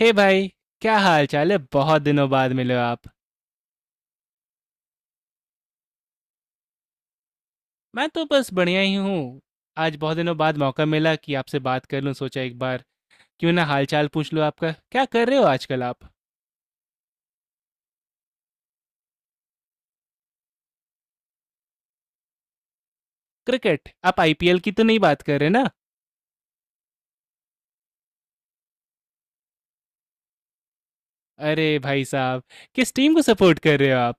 हे hey भाई। क्या हाल चाल है? बहुत दिनों बाद मिले हो आप। मैं तो बस बढ़िया ही हूँ। आज बहुत दिनों बाद मौका मिला कि आपसे बात कर लूँ, सोचा एक बार क्यों ना हाल चाल पूछ लूँ आपका। क्या कर रहे हो आजकल आप? क्रिकेट, आप आईपीएल की तो नहीं बात कर रहे ना? अरे भाई साहब, किस टीम को सपोर्ट कर रहे हो आप?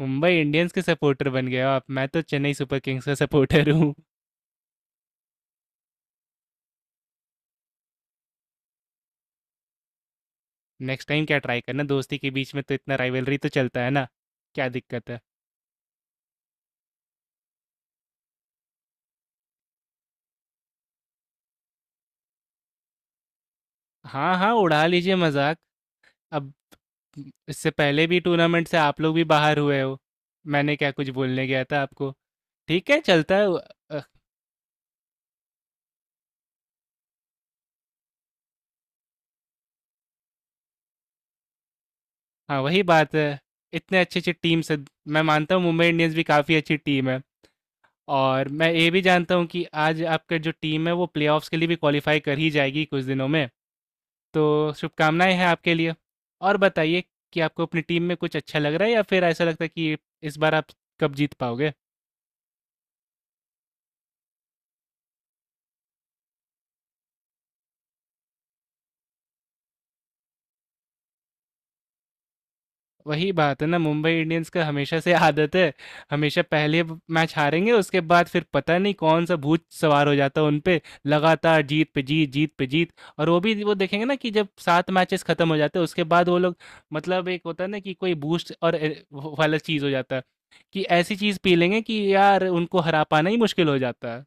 मुंबई इंडियंस के सपोर्टर बन गए हो आप? मैं तो चेन्नई सुपर किंग्स का सपोर्टर हूँ। नेक्स्ट टाइम क्या ट्राई करना, दोस्ती के बीच में तो इतना राइवलरी तो चलता है ना। क्या दिक्कत है? हाँ हाँ, उड़ा लीजिए मजाक। अब इससे पहले भी टूर्नामेंट से आप लोग भी बाहर हुए हो, मैंने क्या कुछ बोलने गया था आपको? ठीक है, चलता है। अ, हाँ वही बात है। इतने अच्छे अच्छे टीम से, मैं मानता हूँ मुंबई इंडियंस भी काफ़ी अच्छी टीम है। और मैं ये भी जानता हूँ कि आज आपका जो टीम है वो प्लेऑफ्स के लिए भी क्वालिफाई कर ही जाएगी कुछ दिनों में, तो शुभकामनाएं हैं आपके लिए। और बताइए कि आपको अपनी टीम में कुछ अच्छा लग रहा है या फिर ऐसा लगता है कि इस बार आप कब जीत पाओगे? वही बात है ना, मुंबई इंडियंस का हमेशा से आदत है। हमेशा पहले मैच हारेंगे, उसके बाद फिर पता नहीं कौन सा भूत सवार हो जाता है उन पे, लगातार जीत पे जीत जीत पे जीत। और वो भी, वो देखेंगे ना कि जब सात मैचेस खत्म हो जाते हैं उसके बाद वो लोग, मतलब एक होता है ना कि कोई बूस्ट और वो वाला चीज हो जाता है, कि ऐसी चीज पी लेंगे कि यार उनको हरा पाना ही मुश्किल हो जाता है।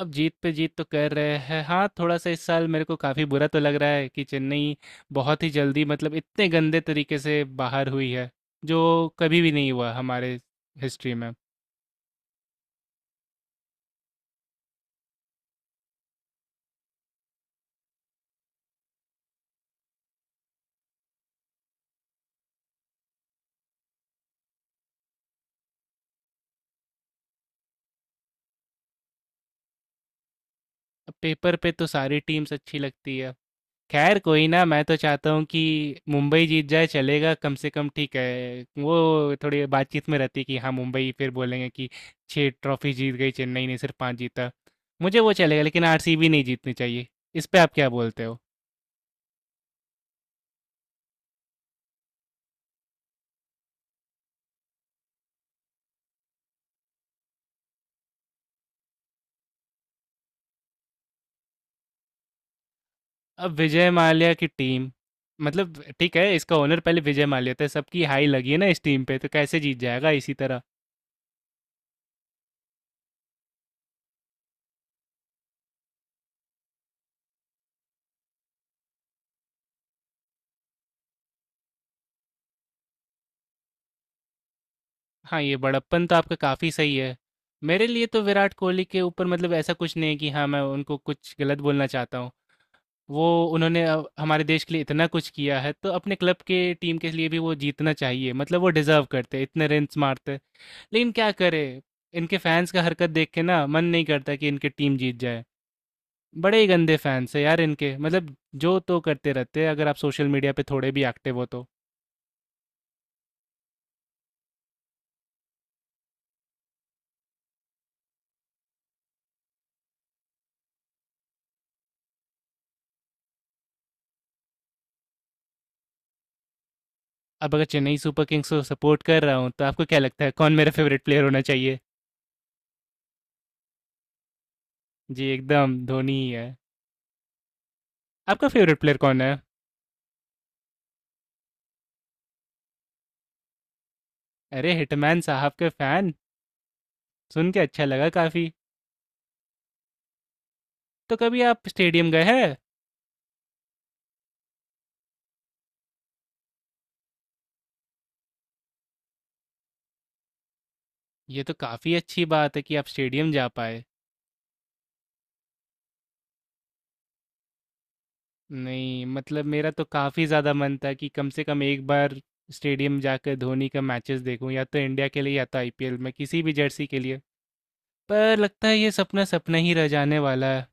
अब जीत पे जीत तो कर रहे हैं हाँ थोड़ा सा। इस साल मेरे को काफ़ी बुरा तो लग रहा है कि चेन्नई बहुत ही जल्दी, मतलब इतने गंदे तरीके से बाहर हुई है जो कभी भी नहीं हुआ हमारे हिस्ट्री में। अब पेपर पे तो सारी टीम्स अच्छी लगती है। खैर, कोई ना, मैं तो चाहता हूँ कि मुंबई जीत जाए, चलेगा कम से कम। ठीक है, वो थोड़ी बातचीत में रहती है कि हाँ मुंबई, फिर बोलेंगे कि छः ट्रॉफी जीत गई, चेन्नई ने सिर्फ पाँच जीता। मुझे वो चलेगा, लेकिन आरसीबी नहीं जीतनी चाहिए। इस पे आप क्या बोलते हो? अब विजय माल्या की टीम, मतलब ठीक है, इसका ओनर पहले विजय माल्या था, सबकी हाई लगी है ना इस टीम पे, तो कैसे जीत जाएगा इसी तरह। हाँ, ये बड़प्पन तो आपका काफ़ी सही है। मेरे लिए तो विराट कोहली के ऊपर मतलब ऐसा कुछ नहीं है कि हाँ मैं उनको कुछ गलत बोलना चाहता हूँ। वो, उन्होंने अब हमारे देश के लिए इतना कुछ किया है तो अपने क्लब के, टीम के लिए भी वो जीतना चाहिए, मतलब वो डिजर्व करते, इतने रन मारते। लेकिन क्या करे, इनके फैंस का हरकत देख के ना मन नहीं करता कि इनकी टीम जीत जाए। बड़े ही गंदे फैंस है यार इनके, मतलब जो तो करते रहते हैं अगर आप सोशल मीडिया पे थोड़े भी एक्टिव हो तो। अब अगर चेन्नई सुपर किंग्स को सपोर्ट कर रहा हूँ तो आपको क्या लगता है कौन मेरा फेवरेट प्लेयर होना चाहिए? जी, एकदम धोनी ही है। आपका फेवरेट प्लेयर कौन है? अरे हिटमैन साहब के फैन, सुन के अच्छा लगा काफ़ी। तो कभी आप स्टेडियम गए हैं? ये तो काफ़ी अच्छी बात है कि आप स्टेडियम जा पाए। नहीं, मतलब मेरा तो काफ़ी ज़्यादा मन था कि कम से कम एक बार स्टेडियम जाकर धोनी का मैचेस देखूं, या तो इंडिया के लिए या तो आईपीएल में किसी भी जर्सी के लिए। पर लगता है ये सपना सपना ही रह जाने वाला है।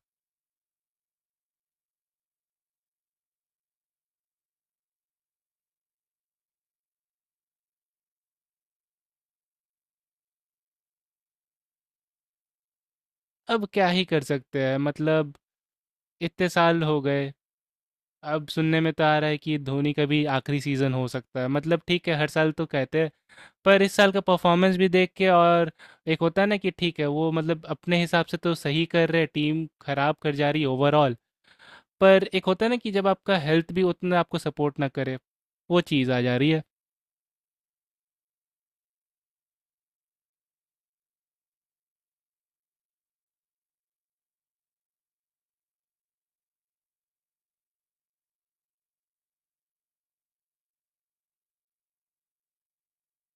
अब क्या ही कर सकते हैं, मतलब इतने साल हो गए। अब सुनने में तो आ रहा है कि धोनी का भी आखिरी सीज़न हो सकता है, मतलब ठीक है हर साल तो कहते हैं, पर इस साल का परफॉर्मेंस भी देख के। और एक होता है ना कि ठीक है वो मतलब अपने हिसाब से तो सही कर रहे, टीम खराब कर जा रही ओवरऑल। पर एक होता है ना कि जब आपका हेल्थ भी उतना आपको सपोर्ट ना करे, वो चीज़ आ जा रही है।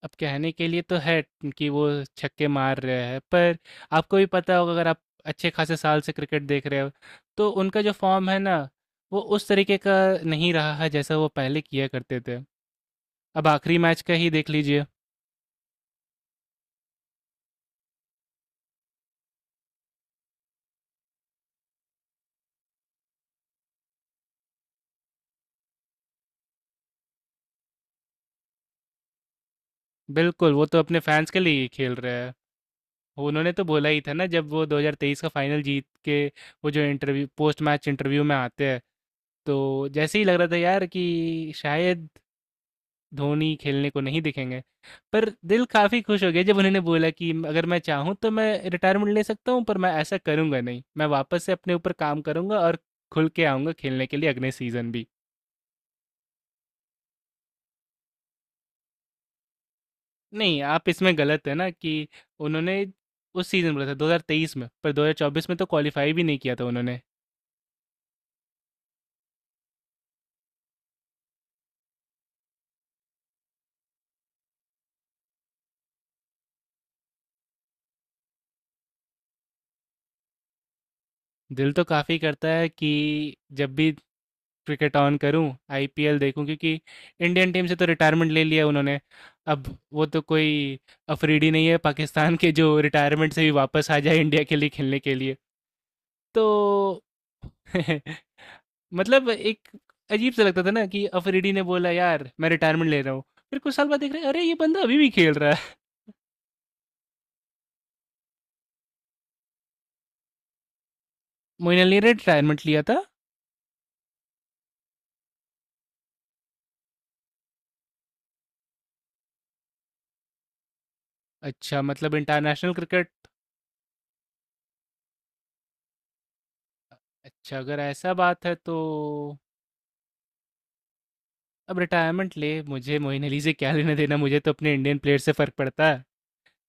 अब कहने के लिए तो है कि वो छक्के मार रहे हैं, पर आपको भी पता होगा, अगर आप अच्छे खासे साल से क्रिकेट देख रहे हो, तो उनका जो फॉर्म है ना, वो उस तरीके का नहीं रहा है जैसा वो पहले किया करते थे। अब आखिरी मैच का ही देख लीजिए। बिल्कुल, वो तो अपने फैंस के लिए ही खेल रहे हैं। वो उन्होंने तो बोला ही था ना, जब वो 2023 का फाइनल जीत के, वो जो इंटरव्यू, पोस्ट मैच इंटरव्यू में आते हैं, तो जैसे ही लग रहा था यार कि शायद धोनी खेलने को नहीं दिखेंगे। पर दिल काफ़ी खुश हो गया जब उन्होंने बोला कि अगर मैं चाहूँ तो मैं रिटायरमेंट ले सकता हूँ, पर मैं ऐसा करूँगा नहीं, मैं वापस से अपने ऊपर काम करूँगा और खुल के आऊँगा खेलने के लिए अगले सीज़न भी। नहीं, आप इसमें गलत है ना, कि उन्होंने उस सीज़न बोला था 2023 में, पर 2024 में तो क्वालिफाई भी नहीं किया था उन्होंने। दिल तो काफ़ी करता है कि जब भी क्रिकेट ऑन करूं आईपीएल देखूं, क्योंकि इंडियन टीम से तो रिटायरमेंट ले लिया उन्होंने। अब वो तो कोई अफरीदी नहीं है पाकिस्तान के जो रिटायरमेंट से भी वापस आ जाए इंडिया के लिए खेलने के लिए। तो मतलब एक अजीब सा लगता था ना कि अफरीदी ने बोला यार मैं रिटायरमेंट ले रहा हूँ, फिर कुछ साल बाद देख रहे हैं, अरे ये बंदा अभी भी खेल रहा है। मोइन अली ने रिटायरमेंट लिया था। अच्छा, मतलब इंटरनेशनल क्रिकेट। अच्छा, अगर ऐसा बात है तो अब रिटायरमेंट ले, मुझे मोइन अली से क्या लेना देना, मुझे तो अपने इंडियन प्लेयर से फ़र्क पड़ता है।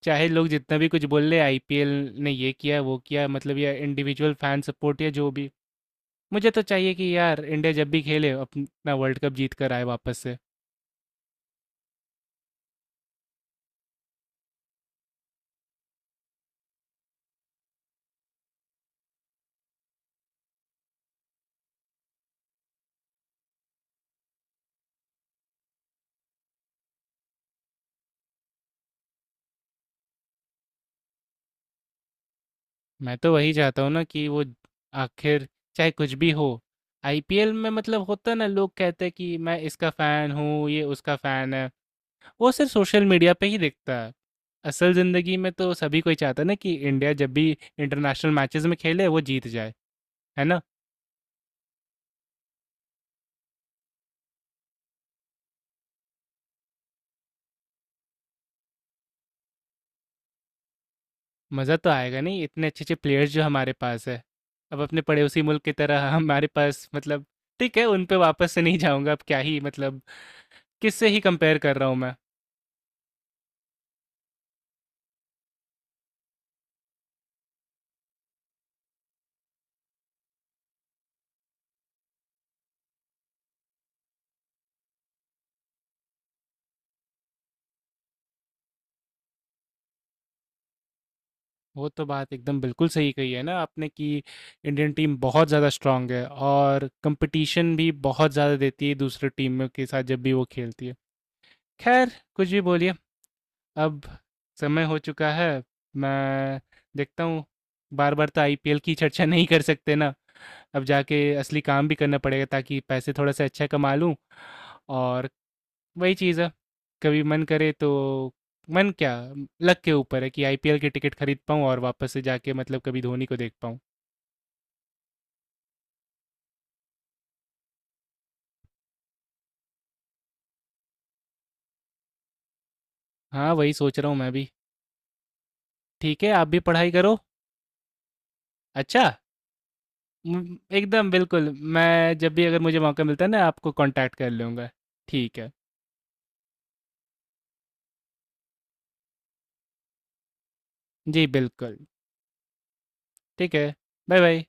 चाहे लोग जितना भी कुछ बोल ले आईपीएल ने ये किया वो किया, मतलब या इंडिविजुअल फैन सपोर्ट या जो भी, मुझे तो चाहिए कि यार इंडिया जब भी खेले अपना वर्ल्ड कप जीत कर आए वापस से। मैं तो वही चाहता हूँ ना कि वो, आखिर चाहे कुछ भी हो, आईपीएल में मतलब होता ना, लोग कहते हैं कि मैं इसका फ़ैन हूँ, ये उसका फ़ैन है, वो सिर्फ सोशल मीडिया पे ही दिखता है। असल ज़िंदगी में तो सभी कोई चाहता है ना कि इंडिया जब भी इंटरनेशनल मैचेस में खेले वो जीत जाए, है ना। मज़ा तो आएगा नहीं, इतने अच्छे अच्छे प्लेयर्स जो हमारे पास है। अब अपने पड़ोसी मुल्क की तरह हमारे पास, मतलब ठीक है, उन पे वापस से नहीं जाऊंगा, अब क्या ही, मतलब किससे ही कंपेयर कर रहा हूँ मैं। वो तो बात एकदम बिल्कुल सही कही है ना आपने कि इंडियन टीम बहुत ज़्यादा स्ट्रांग है और कंपटीशन भी बहुत ज़्यादा देती है दूसरे टीमों के साथ जब भी वो खेलती है। खैर, कुछ भी बोलिए, अब समय हो चुका है। मैं देखता हूँ, बार-बार तो आईपीएल की चर्चा नहीं कर सकते ना। अब जाके असली काम भी करना पड़ेगा ताकि पैसे थोड़ा-सा अच्छा कमा लूँ। और वही चीज़ है, कभी मन करे तो, मन क्या, लक के ऊपर है कि आईपीएल की टिकट खरीद पाऊँ और वापस से जाके मतलब कभी धोनी को देख पाऊँ। हाँ, वही सोच रहा हूँ मैं भी। ठीक है, आप भी पढ़ाई करो। अच्छा, एकदम बिल्कुल। मैं जब भी, अगर मुझे मौका मिलता है ना, आपको कॉन्टैक्ट कर लूँगा। ठीक है। जी, बिल्कुल। ठीक है। Bye bye.